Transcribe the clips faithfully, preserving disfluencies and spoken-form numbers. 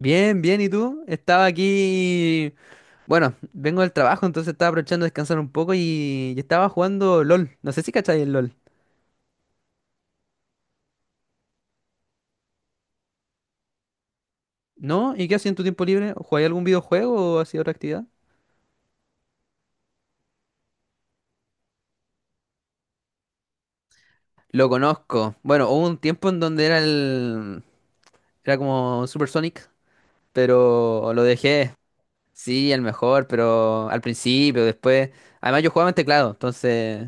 Bien, bien, ¿y tú? Estaba aquí, bueno, vengo del trabajo, entonces estaba aprovechando de descansar un poco y, y estaba jugando LOL. No sé si cacháis el LOL. ¿No? ¿Y qué hacías en tu tiempo libre? ¿Jugáis algún videojuego o hacías otra actividad? Lo conozco. Bueno, hubo un tiempo en donde era el... Era como Super Sonic, pero lo dejé. Sí, el mejor, pero al principio, después... Además yo jugaba en teclado, entonces...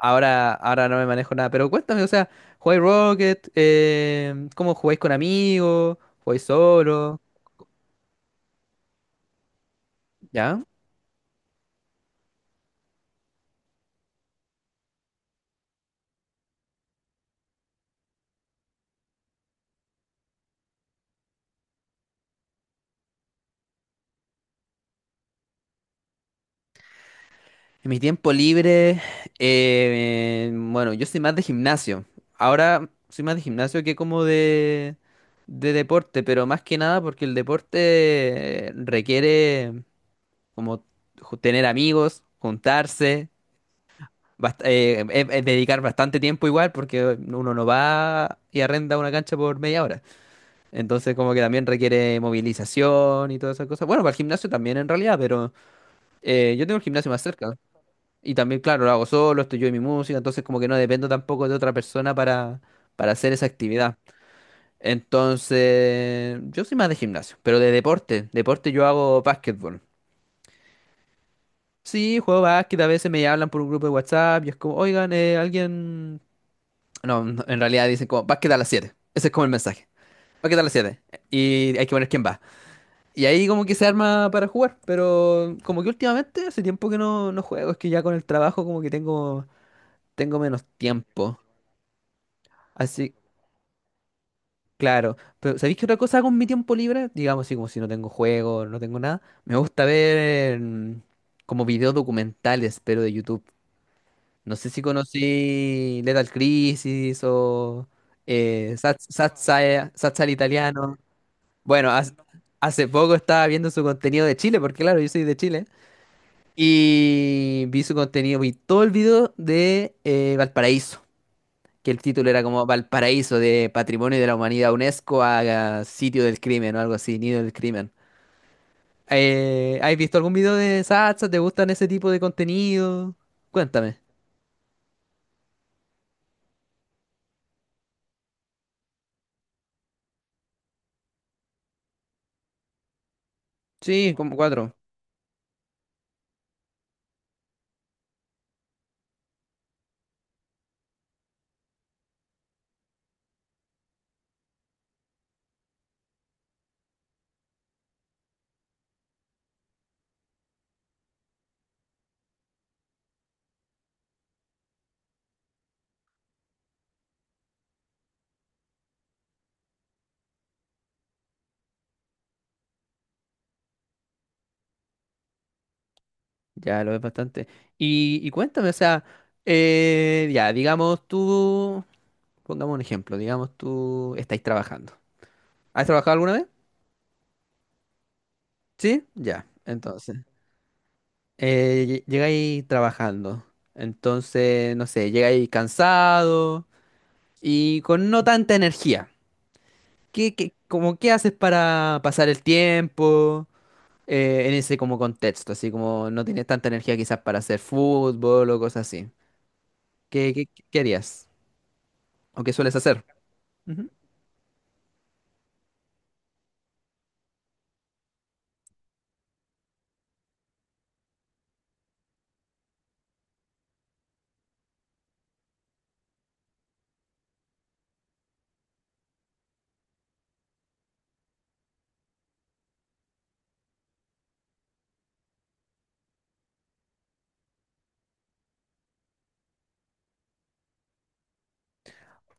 Ahora, ahora no me manejo nada, pero cuéntame, o sea, ¿jugáis Rocket? Eh, ¿cómo jugáis con amigos? ¿Jugáis solo? ¿Ya? En mi tiempo libre, eh, bueno, yo soy más de gimnasio. Ahora soy más de gimnasio que como de, de deporte, pero más que nada porque el deporte eh, requiere como ju- tener amigos, juntarse, bast- eh, eh, eh, dedicar bastante tiempo igual porque uno no va y arrenda una cancha por media hora. Entonces como que también requiere movilización y todas esas cosas. Bueno, para el gimnasio también en realidad, pero eh, yo tengo el gimnasio más cerca. Y también, claro, lo hago solo, estoy yo y mi música, entonces como que no dependo tampoco de otra persona para, para hacer esa actividad. Entonces, yo soy más de gimnasio, pero de deporte. Deporte yo hago básquetbol. Sí, juego básquet, a veces me hablan por un grupo de WhatsApp y es como, oigan, eh, alguien... No, no, en realidad dicen como, básquet a las siete. Ese es como el mensaje. Básquet a las siete. Y hay que poner quién va. Y ahí como que se arma para jugar, pero como que últimamente hace tiempo que no, no juego, es que ya con el trabajo como que tengo, tengo menos tiempo. Así, claro. Pero ¿sabéis qué otra cosa hago en mi tiempo libre? Digamos así como si no tengo juego, no tengo nada. Me gusta ver mm, como videos documentales, pero de YouTube. No sé si conocí Lethal Crisis o eh, Sat- Satsai- Satsal Italiano. Bueno, hace, hace poco estaba viendo su contenido de Chile, porque claro, yo soy de Chile. Y vi su contenido, vi todo el video de eh, Valparaíso, que el título era como Valparaíso de Patrimonio de la Humanidad UNESCO a, a sitio del crimen o algo así, nido del crimen. Eh, ¿has visto algún video de Satsa? ¿Te gustan ese tipo de contenido? Cuéntame. Sí, como cuatro. Ya lo ves bastante. Y, y cuéntame, o sea, eh, ya, digamos tú, pongamos un ejemplo, digamos tú estáis trabajando. ¿Has trabajado alguna vez? Sí, ya, entonces. eh, lle- llegáis trabajando. Entonces, no sé, llegáis cansado y con no tanta energía. ¿Qué, qué, como, qué haces para pasar el tiempo eh, en ese como contexto? Así como no tienes tanta energía quizás para hacer fútbol o cosas así. ¿Qué, qué, qué harías? ¿O qué sueles hacer? Ujú.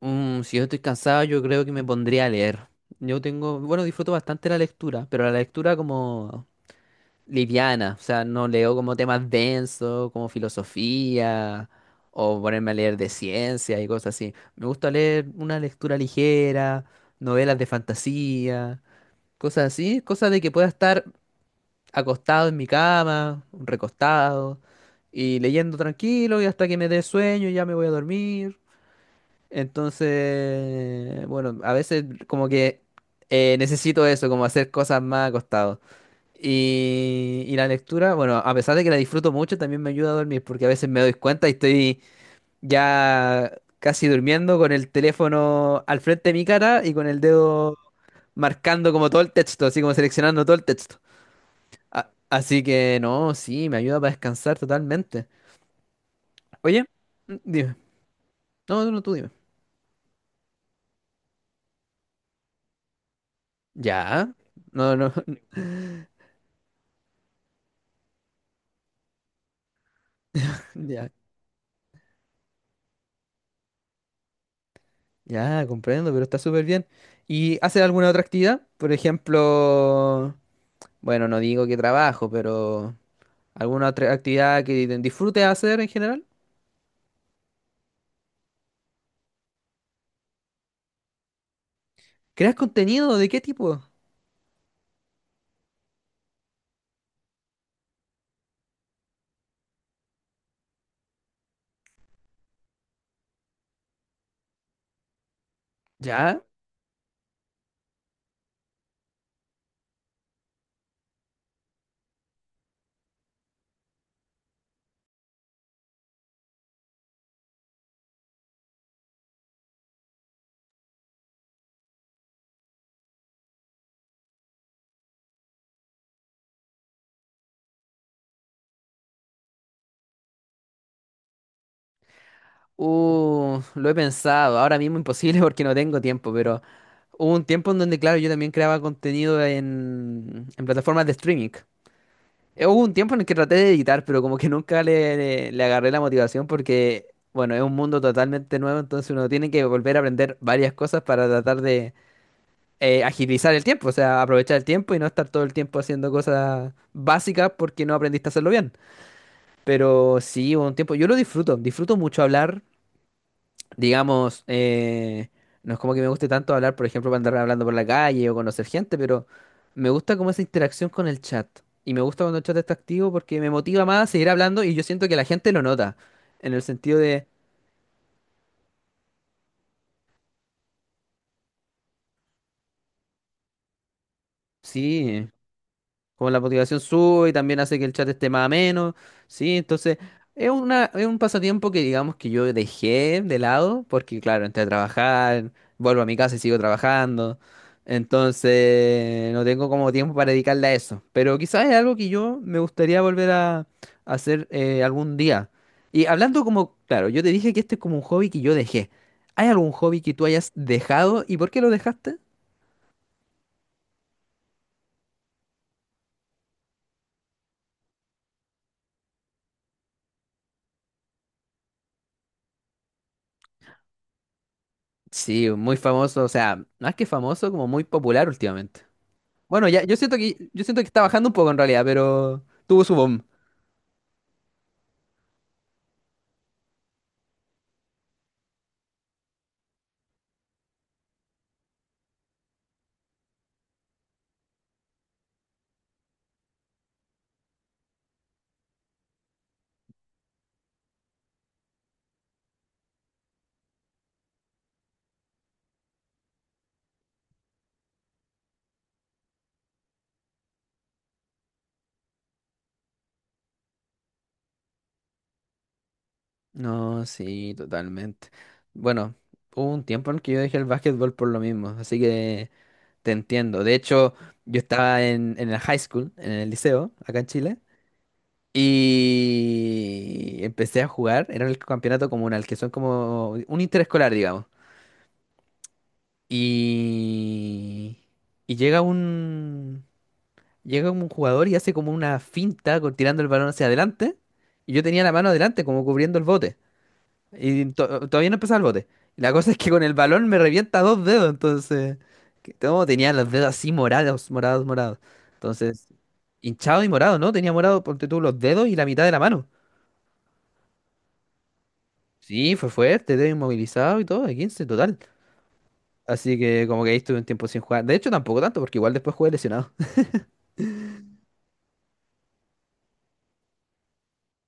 Mm, si yo estoy cansado, yo creo que me pondría a leer. Yo tengo, bueno, disfruto bastante la lectura, pero la lectura como liviana, o sea, no leo como temas densos, como filosofía, o ponerme a leer de ciencia y cosas así. Me gusta leer una lectura ligera, novelas de fantasía, cosas así, cosas de que pueda estar acostado en mi cama, recostado, y leyendo tranquilo y hasta que me dé sueño, y ya me voy a dormir. Entonces, bueno, a veces como que eh, necesito eso, como hacer cosas más acostado. Y, y la lectura, bueno, a pesar de que la disfruto mucho, también me ayuda a dormir, porque a veces me doy cuenta y estoy ya casi durmiendo con el teléfono al frente de mi cara y con el dedo marcando como todo el texto, así como seleccionando todo el texto. A- así que no, sí, me ayuda para descansar totalmente. Oye, mm, dime. No, no, tú dime. Ya. No, no. Ya, ya, comprendo, pero está súper bien. ¿Y haces alguna otra actividad? Por ejemplo... Bueno, no digo que trabajo, pero ¿alguna otra actividad que disfrutes hacer en general? ¿Creas contenido? ¿De qué tipo? ¿Ya? Uh, lo he pensado. Ahora mismo imposible porque no tengo tiempo, pero hubo un tiempo en donde, claro, yo también creaba contenido en, en plataformas de streaming. Eh, Hubo un tiempo en el que traté de editar, pero como que nunca le, le- le agarré la motivación porque, bueno, es un mundo totalmente nuevo, entonces uno tiene que volver a aprender varias cosas para tratar de eh, agilizar el tiempo, o sea, aprovechar el tiempo y no estar todo el tiempo haciendo cosas básicas porque no aprendiste a hacerlo bien. Pero sí, hubo un tiempo, yo lo disfruto, disfruto mucho hablar, digamos, eh, no es como que me guste tanto hablar, por ejemplo, para andar hablando por la calle o conocer gente, pero me gusta como esa interacción con el chat. Y me gusta cuando el chat está activo porque me motiva más a seguir hablando y yo siento que la gente lo nota, en el sentido de, sí. Como la motivación sube y también hace que el chat esté más ameno, ¿sí? Entonces, es una, es un pasatiempo que digamos que yo dejé de lado, porque claro, entré a trabajar, vuelvo a mi casa y sigo trabajando. Entonces, no tengo como tiempo para dedicarle a eso. Pero quizás es algo que yo me gustaría volver a, a hacer eh, algún día. Y hablando como, claro, yo te dije que este es como un hobby que yo dejé. ¿Hay algún hobby que tú hayas dejado y por qué lo dejaste? Sí, muy famoso, o sea, más que famoso, como muy popular últimamente. Bueno, ya, yo siento que, yo siento que está bajando un poco en realidad, pero tuvo su boom. No, sí, totalmente. Bueno, hubo un tiempo en que yo dejé el básquetbol por lo mismo, así que te entiendo. De hecho, yo estaba en, en el high school, en el liceo, acá en Chile, y empecé a jugar. Era el campeonato comunal, que son como un interescolar, digamos. Y, y llega un... Llega como un jugador y hace como una finta con- tirando el balón hacia adelante. Y yo tenía la mano adelante, como cubriendo el bote. Y to- todavía no empezaba el bote. Y la cosa es que con el balón me revienta dos dedos. Entonces, que- no, tenía los dedos así morados, morados, morados. Entonces, hinchado y morado, ¿no? Tenía morado, ponte tú, los dedos y la mitad de la mano. Sí, fue fuerte, dedo inmovilizado y todo, de quince total. Así que como que ahí estuve un tiempo sin jugar. De hecho, tampoco tanto, porque igual después jugué lesionado.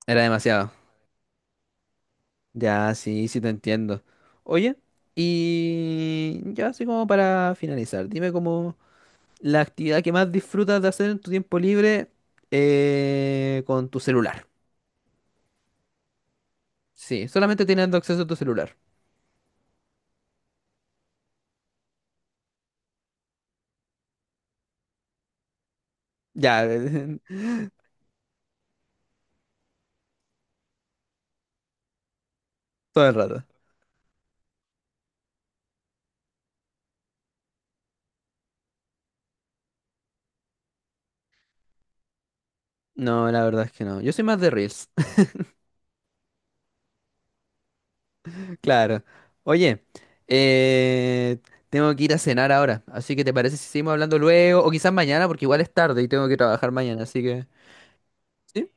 Era demasiado. Ya, sí, sí te entiendo. Oye, y ya así como para finalizar, dime como la actividad que más disfrutas de hacer en tu tiempo libre eh, con tu celular. Sí, solamente teniendo acceso a tu celular. Ya, todo el rato. No, la verdad es que no. Yo soy más de Reels. Claro. Oye, eh, tengo que ir a cenar ahora, así que ¿te parece si seguimos hablando luego? O quizás mañana, porque igual es tarde y tengo que trabajar mañana, así que... ¿Sí?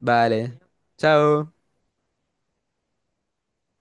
Vale. Chao.